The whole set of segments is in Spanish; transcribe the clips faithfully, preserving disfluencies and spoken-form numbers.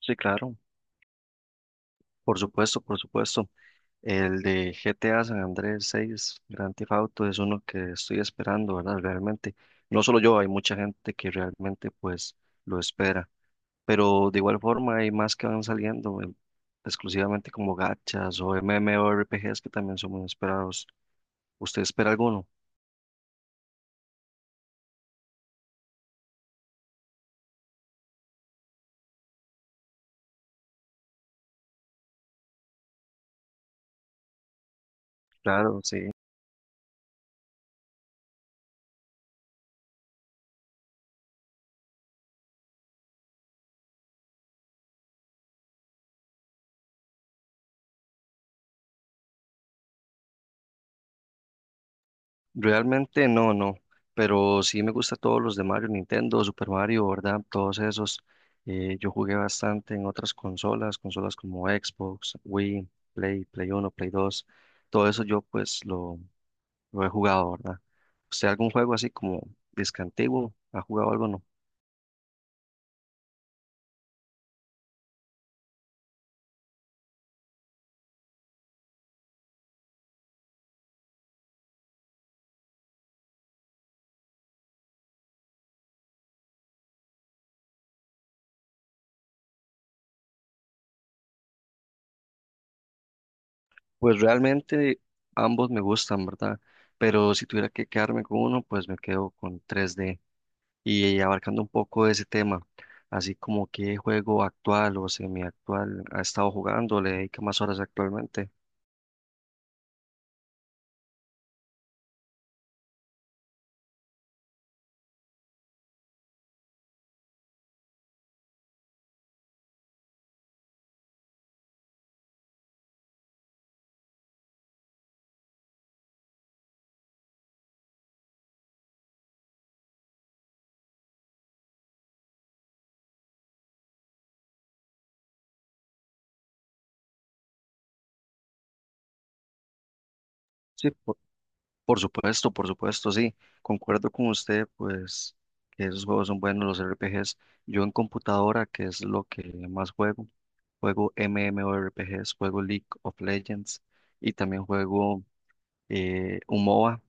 Sí, claro, por supuesto, por supuesto. El de G T A San Andrés seis, Grand Theft Auto, es uno que estoy esperando, ¿verdad? Realmente, no solo yo, hay mucha gente que realmente pues lo espera, pero de igual forma hay más que van saliendo, em, exclusivamente como gachas o MMORPGs que también son muy esperados. ¿Usted espera alguno? Claro, sí. Realmente no, no, pero sí me gusta todos los de Mario, Nintendo, Super Mario, ¿verdad? Todos esos. Eh, yo jugué bastante en otras consolas, consolas como Xbox, Wii, Play, Play uno, Play Dos. Todo eso yo pues lo, lo he jugado, ¿verdad? ¿Usted algún juego así como disque antiguo? ¿Ha jugado algo o no? Pues realmente ambos me gustan, ¿verdad? Pero si tuviera que quedarme con uno, pues me quedo con tres D. Y abarcando un poco ese tema, así como qué juego actual o semiactual ha estado jugando, le dedica más horas actualmente. Sí, por, por supuesto, por supuesto, sí, concuerdo con usted, pues que esos juegos son buenos, los R P Gs. Yo en computadora, que es lo que más juego, juego MMORPGs, juego League of Legends y también juego eh, un MOBA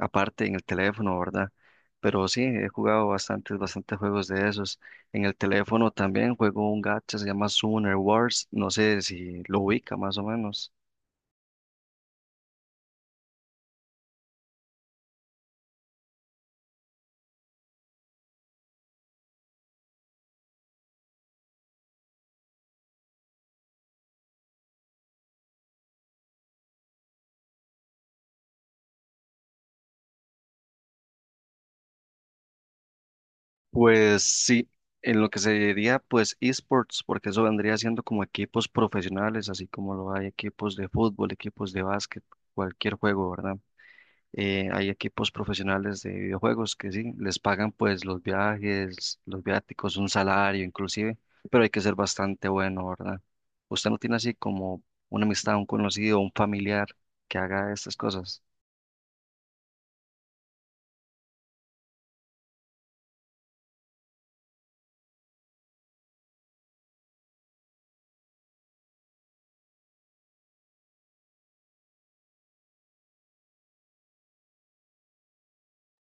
aparte en el teléfono, ¿verdad? Pero sí, he jugado bastantes, bastantes juegos de esos. En el teléfono también juego un gacha, se llama Summoner Wars, no sé si lo ubica más o menos. Pues sí, en lo que se diría pues esports, porque eso vendría siendo como equipos profesionales, así como lo hay equipos de fútbol, equipos de básquet, cualquier juego, ¿verdad? eh, hay equipos profesionales de videojuegos que sí, les pagan pues los viajes, los viáticos, un salario inclusive, pero hay que ser bastante bueno, ¿verdad? ¿Usted no tiene así como una amistad, un conocido, un familiar que haga estas cosas?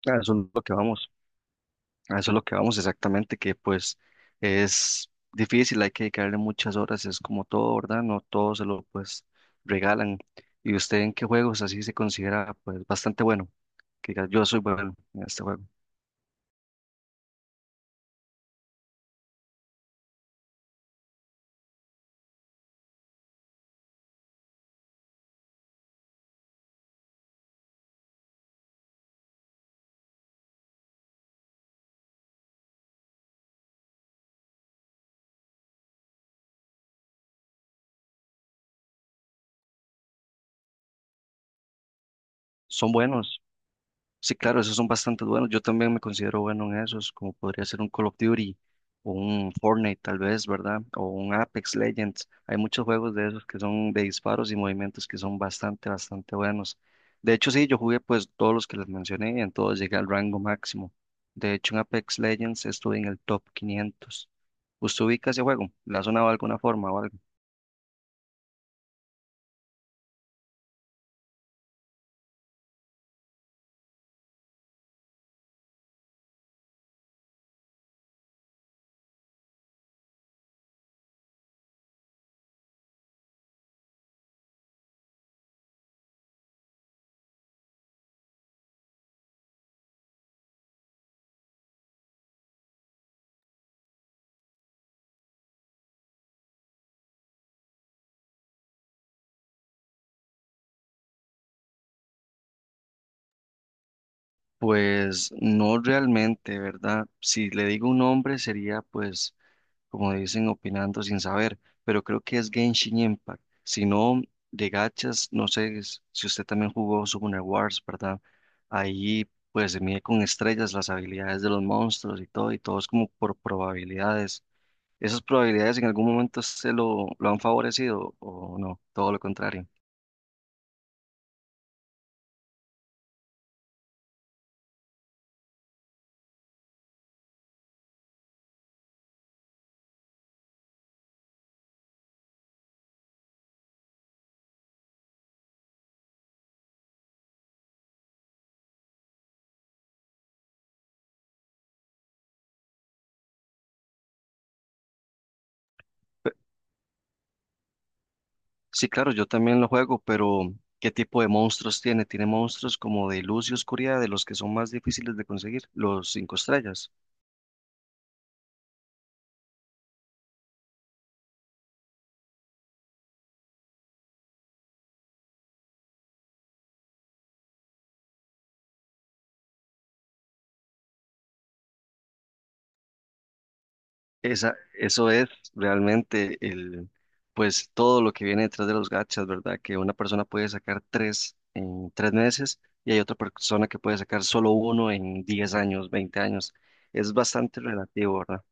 A eso es lo que vamos, a eso es lo que vamos exactamente, que pues es difícil, hay que dedicarle muchas horas, es como todo, ¿verdad? No todo se lo pues regalan. ¿Y usted en qué juegos así se considera pues bastante bueno? Que diga, yo soy bueno en este juego. Son buenos. Sí, claro, esos son bastante buenos. Yo también me considero bueno en esos, como podría ser un Call of Duty o un Fortnite tal vez, ¿verdad? O un Apex Legends. Hay muchos juegos de esos que son de disparos y movimientos que son bastante, bastante buenos. De hecho, sí, yo jugué pues todos los que les mencioné y en todos llegué al rango máximo. De hecho, en Apex Legends estuve en el top quinientos. ¿Usted ubica ese juego? ¿Le ha sonado de alguna forma o algo? Pues no realmente, ¿verdad? Si le digo un nombre sería pues como dicen, opinando sin saber, pero creo que es Genshin Impact. Si no, de gachas, no sé s- si usted también jugó Summoner Wars, ¿verdad? Ahí pues se mide con estrellas las habilidades de los monstruos y todo, y todo es como por probabilidades. ¿Esas probabilidades en algún momento se lo, lo han favorecido o no? Todo lo contrario. Sí, claro, yo también lo juego, pero ¿qué tipo de monstruos tiene? Tiene monstruos como de luz y oscuridad, de los que son más difíciles de conseguir, los cinco estrellas. Esa, eso es realmente el, pues todo lo que viene detrás de los gachas, ¿verdad? Que una persona puede sacar tres en tres meses y hay otra persona que puede sacar solo uno en diez años, veinte años. Es bastante relativo, ¿verdad?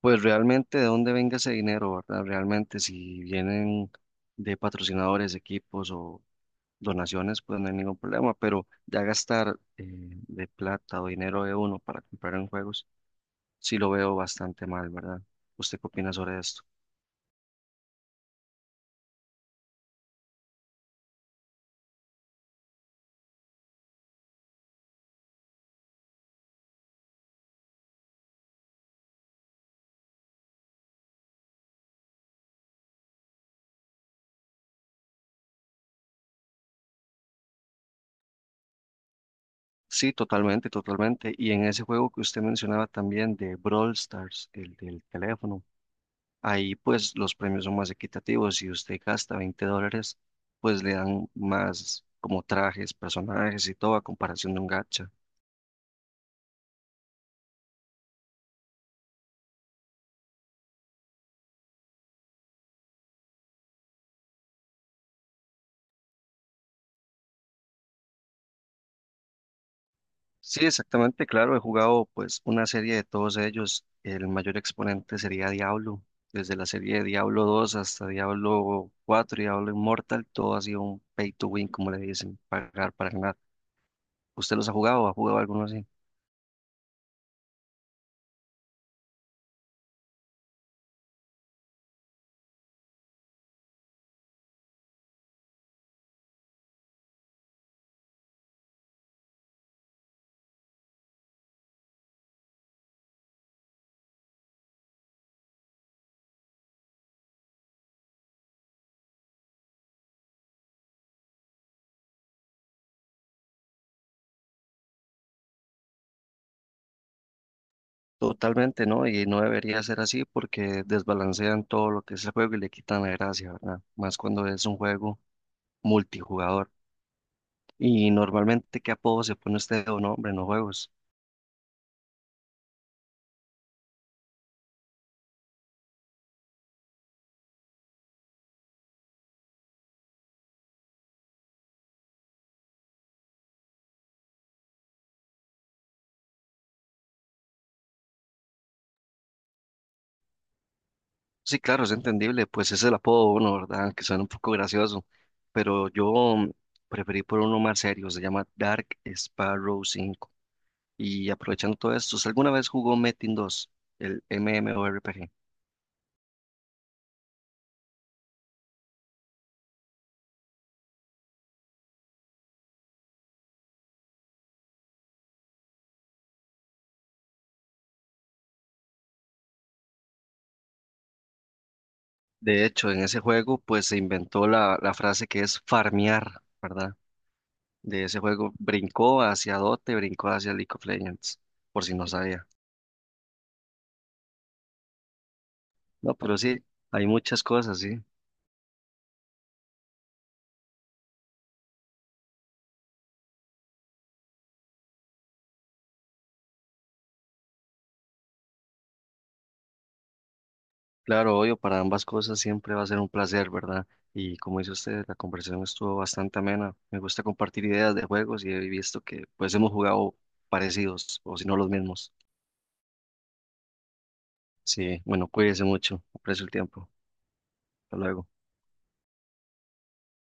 Pues realmente de dónde venga ese dinero, ¿verdad? Realmente si vienen de patrocinadores, equipos o donaciones, pues no hay ningún problema, pero ya gastar eh, de plata o dinero de uno para comprar en juegos. Sí lo veo bastante mal, ¿verdad? ¿Usted qué opina sobre esto? Sí, totalmente, totalmente. Y en ese juego que usted mencionaba también de Brawl Stars, el del teléfono, ahí pues los premios son más equitativos. Si usted gasta veinte dólares, pues le dan más como trajes, personajes y todo a comparación de un gacha. Sí, exactamente, claro, he jugado pues una serie de todos ellos. El mayor exponente sería Diablo, desde la serie de Diablo dos hasta Diablo cuatro y Diablo Immortal, todo ha sido un pay to win, como le dicen, pagar para ganar. ¿Usted los ha jugado? ¿Ha jugado alguno así? Totalmente, ¿no? Y no debería ser así porque desbalancean todo lo que es el juego y le quitan la gracia, ¿verdad? Más cuando es un juego multijugador. Y normalmente, ¿qué apodo se pone usted o nombre en los juegos? Sí, claro, es entendible, pues ese es el apodo de uno, ¿verdad? Que suena un poco gracioso, pero yo mm, preferí por uno más serio, se llama Dark Sparrow cinco. Y aprovechando todo esto, ¿usted alguna vez jugó Metin dos, el MMORPG? De hecho, en ese juego, pues se inventó la, la frase que es farmear, ¿verdad? De ese juego brincó hacia Dote, brincó hacia League of Legends, por si no sabía. No, pero sí, hay muchas cosas, sí. Claro, obvio, para ambas cosas siempre va a ser un placer, ¿verdad? Y como dice usted, la conversación estuvo bastante amena. Me gusta compartir ideas de juegos y he visto que pues hemos jugado parecidos o si no los mismos. Sí, bueno, cuídese mucho, aprecio el tiempo. Hasta luego.